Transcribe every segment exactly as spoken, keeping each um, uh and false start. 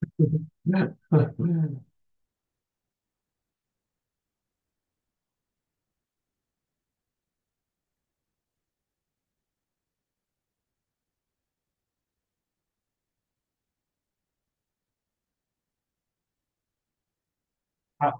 Ah,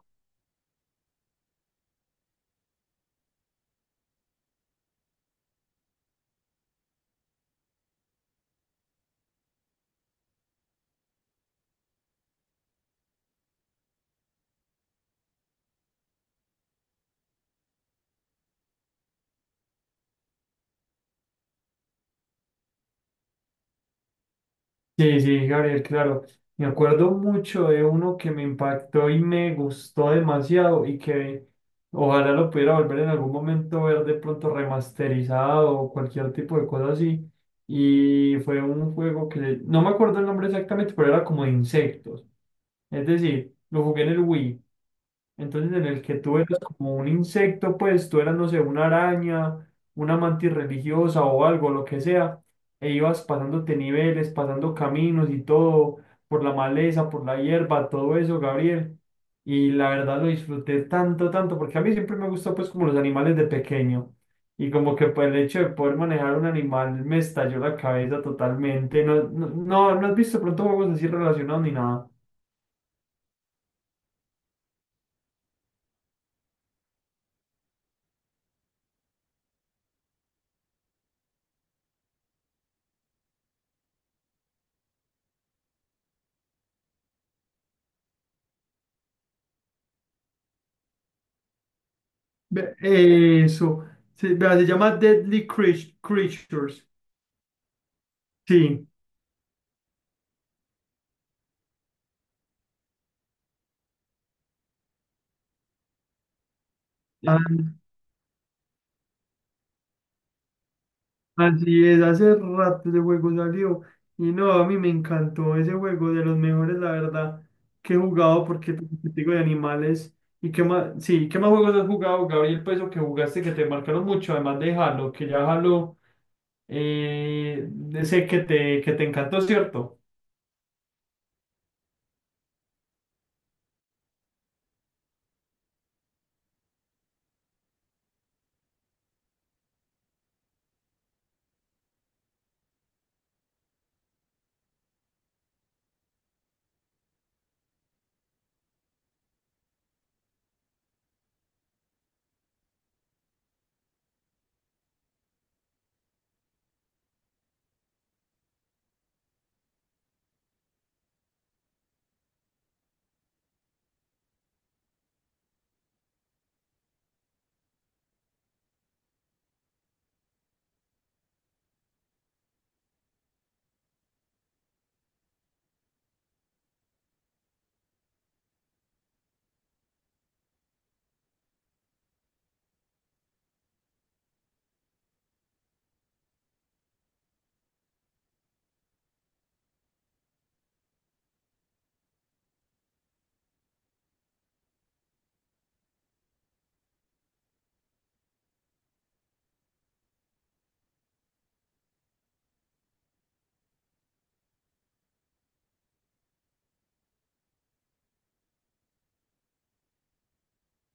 sí, sí, Gabriel, claro. Me acuerdo mucho de uno que me impactó y me gustó demasiado y que ojalá lo pudiera volver en algún momento ver de pronto remasterizado o cualquier tipo de cosa así. Y fue un juego que no me acuerdo el nombre exactamente, pero era como de insectos. Es decir, lo jugué en el Wii. Entonces, en el que tú eras como un insecto, pues tú eras, no sé, una araña, una mantis religiosa o algo, lo que sea, e ibas pasándote niveles, pasando caminos y todo, por la maleza, por la hierba, todo eso, Gabriel. Y la verdad lo disfruté tanto, tanto, porque a mí siempre me gustó, pues, como los animales de pequeño. Y como que pues, el hecho de poder manejar un animal me estalló la cabeza totalmente. No, no, no, no has visto pronto juegos así relacionados ni nada. Ve- Eso. Se, vea, se llama Deadly Creat- Creatures. Sí. ¿Sí? Ah, así es, hace rato ese juego salió. Y no, a mí me encantó ese juego, de los mejores, la verdad, que he jugado porque te te digo de animales. ¿Y qué más? Sí, ¿qué más juegos has jugado, Gabriel? Pues o que jugaste que te marcaron mucho, además de Halo, que ya Halo, eh, sé que te, que te encantó, ¿cierto?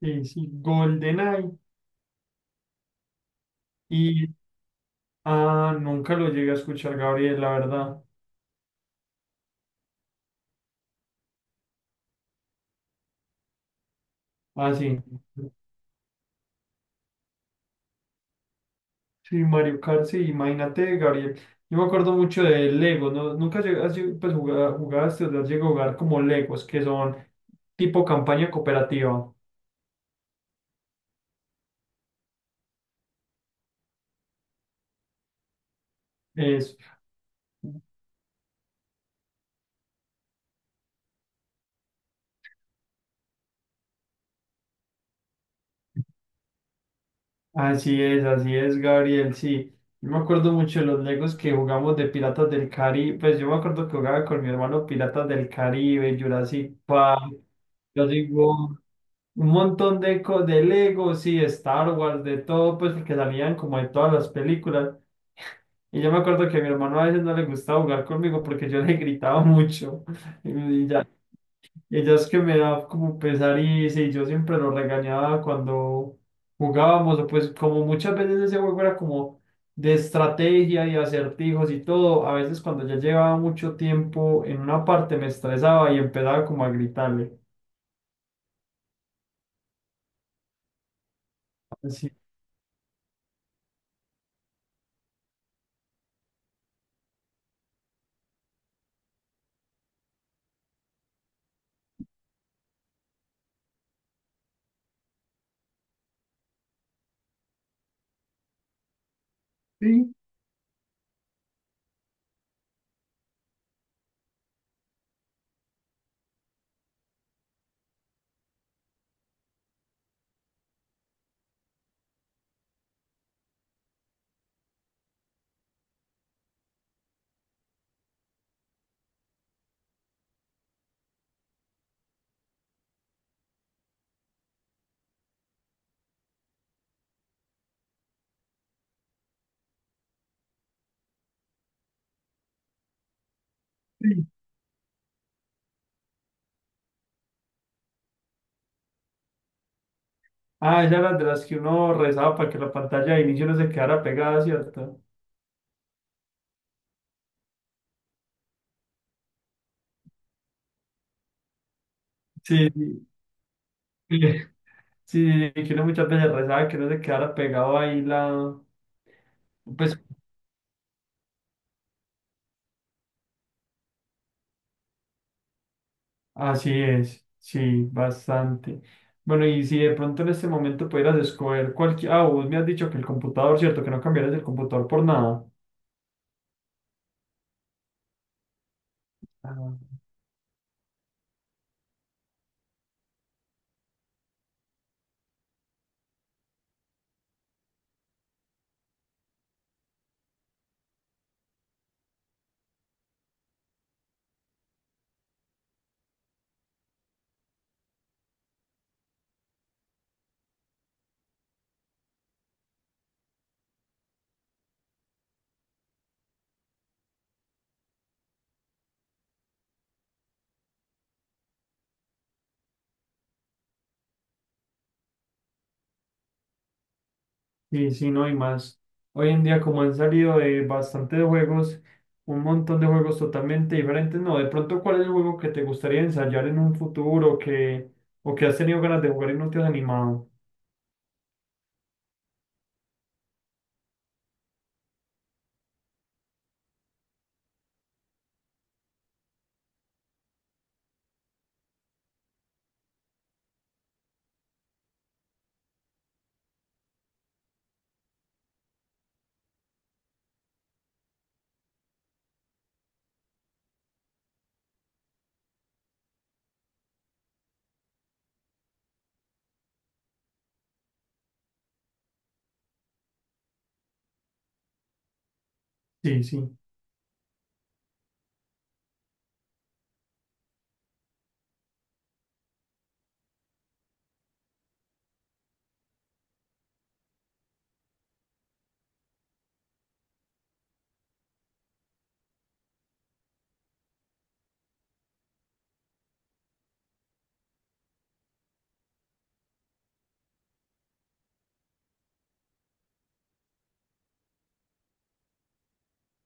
Sí, sí, GoldenEye. Y ah, nunca lo llegué a escuchar, Gabriel, la verdad. Ah, sí. Sí, Mario Kart, sí, imagínate, Gabriel. Yo me acuerdo mucho de Lego, ¿no? Nunca llegas, pues, jugar- jugaste, o sea, llegué a jugar como Legos, que son tipo campaña cooperativa. Es, así es, así es, Gabriel, sí. Yo me acuerdo mucho de los Legos que jugamos de Piratas del Caribe. Pues yo me acuerdo que jugaba con mi hermano Piratas del Caribe, Jurassic Park. Yo digo, un montón de, co- de legos sí, Star Wars, de todo, pues porque salían como de todas las películas. Y yo me acuerdo que a mi hermano a veces no le gustaba jugar conmigo porque yo le gritaba mucho. Y, y ya, y ya es que me da como pesar y sí, yo siempre lo regañaba cuando jugábamos. O Pues como muchas veces ese juego era como de estrategia y acertijos y todo, a veces cuando ya llevaba mucho tiempo en una parte me estresaba y empezaba como a gritarle. Así, sí. Ah, ella era de las que uno rezaba para que la pantalla de inicio no se quedara pegada, ¿cierto? Sí, sí. Sí, que uno muchas veces rezaba que no se quedara pegado ahí la... Pues así es, sí, bastante. Bueno, y si de pronto en este momento pudieras escoger cualquier... Ah, vos me has dicho que el computador, ¿cierto? Que no cambiaras el computador por nada. Ajá. Sí, sí, no, y más. Hoy en día, como han salido de bastante de juegos, un montón de juegos totalmente diferentes, no, de pronto, ¿cuál es el juego que te gustaría ensayar en un futuro que, o que has tenido ganas de jugar y no te has animado? Sí, sí.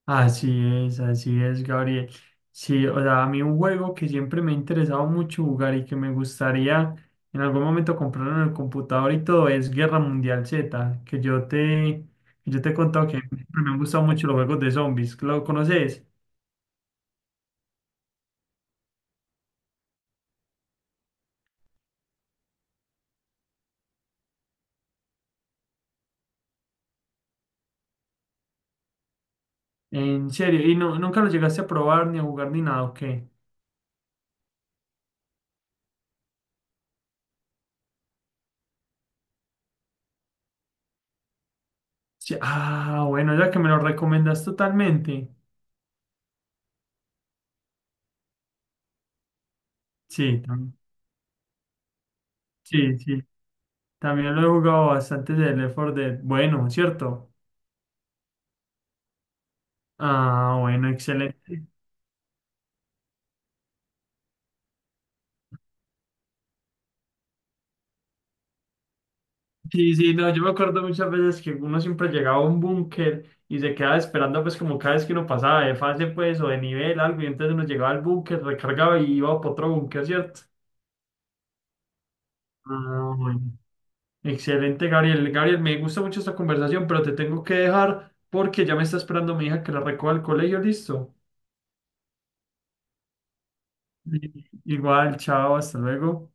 Así es, así es, Gabriel. Sí, o sea, a mí un juego que siempre me ha interesado mucho jugar y que me gustaría en algún momento comprar en el computador y todo es Guerra Mundial Z, que yo te, que yo te he contado que siempre me han gustado mucho los juegos de zombies. ¿Lo conoces? En serio, ¿y no, nunca lo llegaste a probar ni a jugar ni nada, o qué? Sí, ah, bueno, ya que me lo recomendas totalmente. Sí, tam- sí, sí. También lo he jugado bastante del Left for Dead. Bueno, ¿cierto? Ah, bueno, excelente. Sí, sí, no, yo me acuerdo muchas veces que uno siempre llegaba a un búnker y se quedaba esperando, pues, como cada vez que uno pasaba de fase, pues, o de nivel, algo, y entonces uno llegaba al búnker, recargaba y iba para otro búnker, ¿cierto? Ah, bueno. Excelente, Gabriel. Gabriel, me gusta mucho esta conversación, pero te tengo que dejar porque ya me está esperando mi hija que la recoja al colegio, listo. Sí. Igual, chao, hasta luego.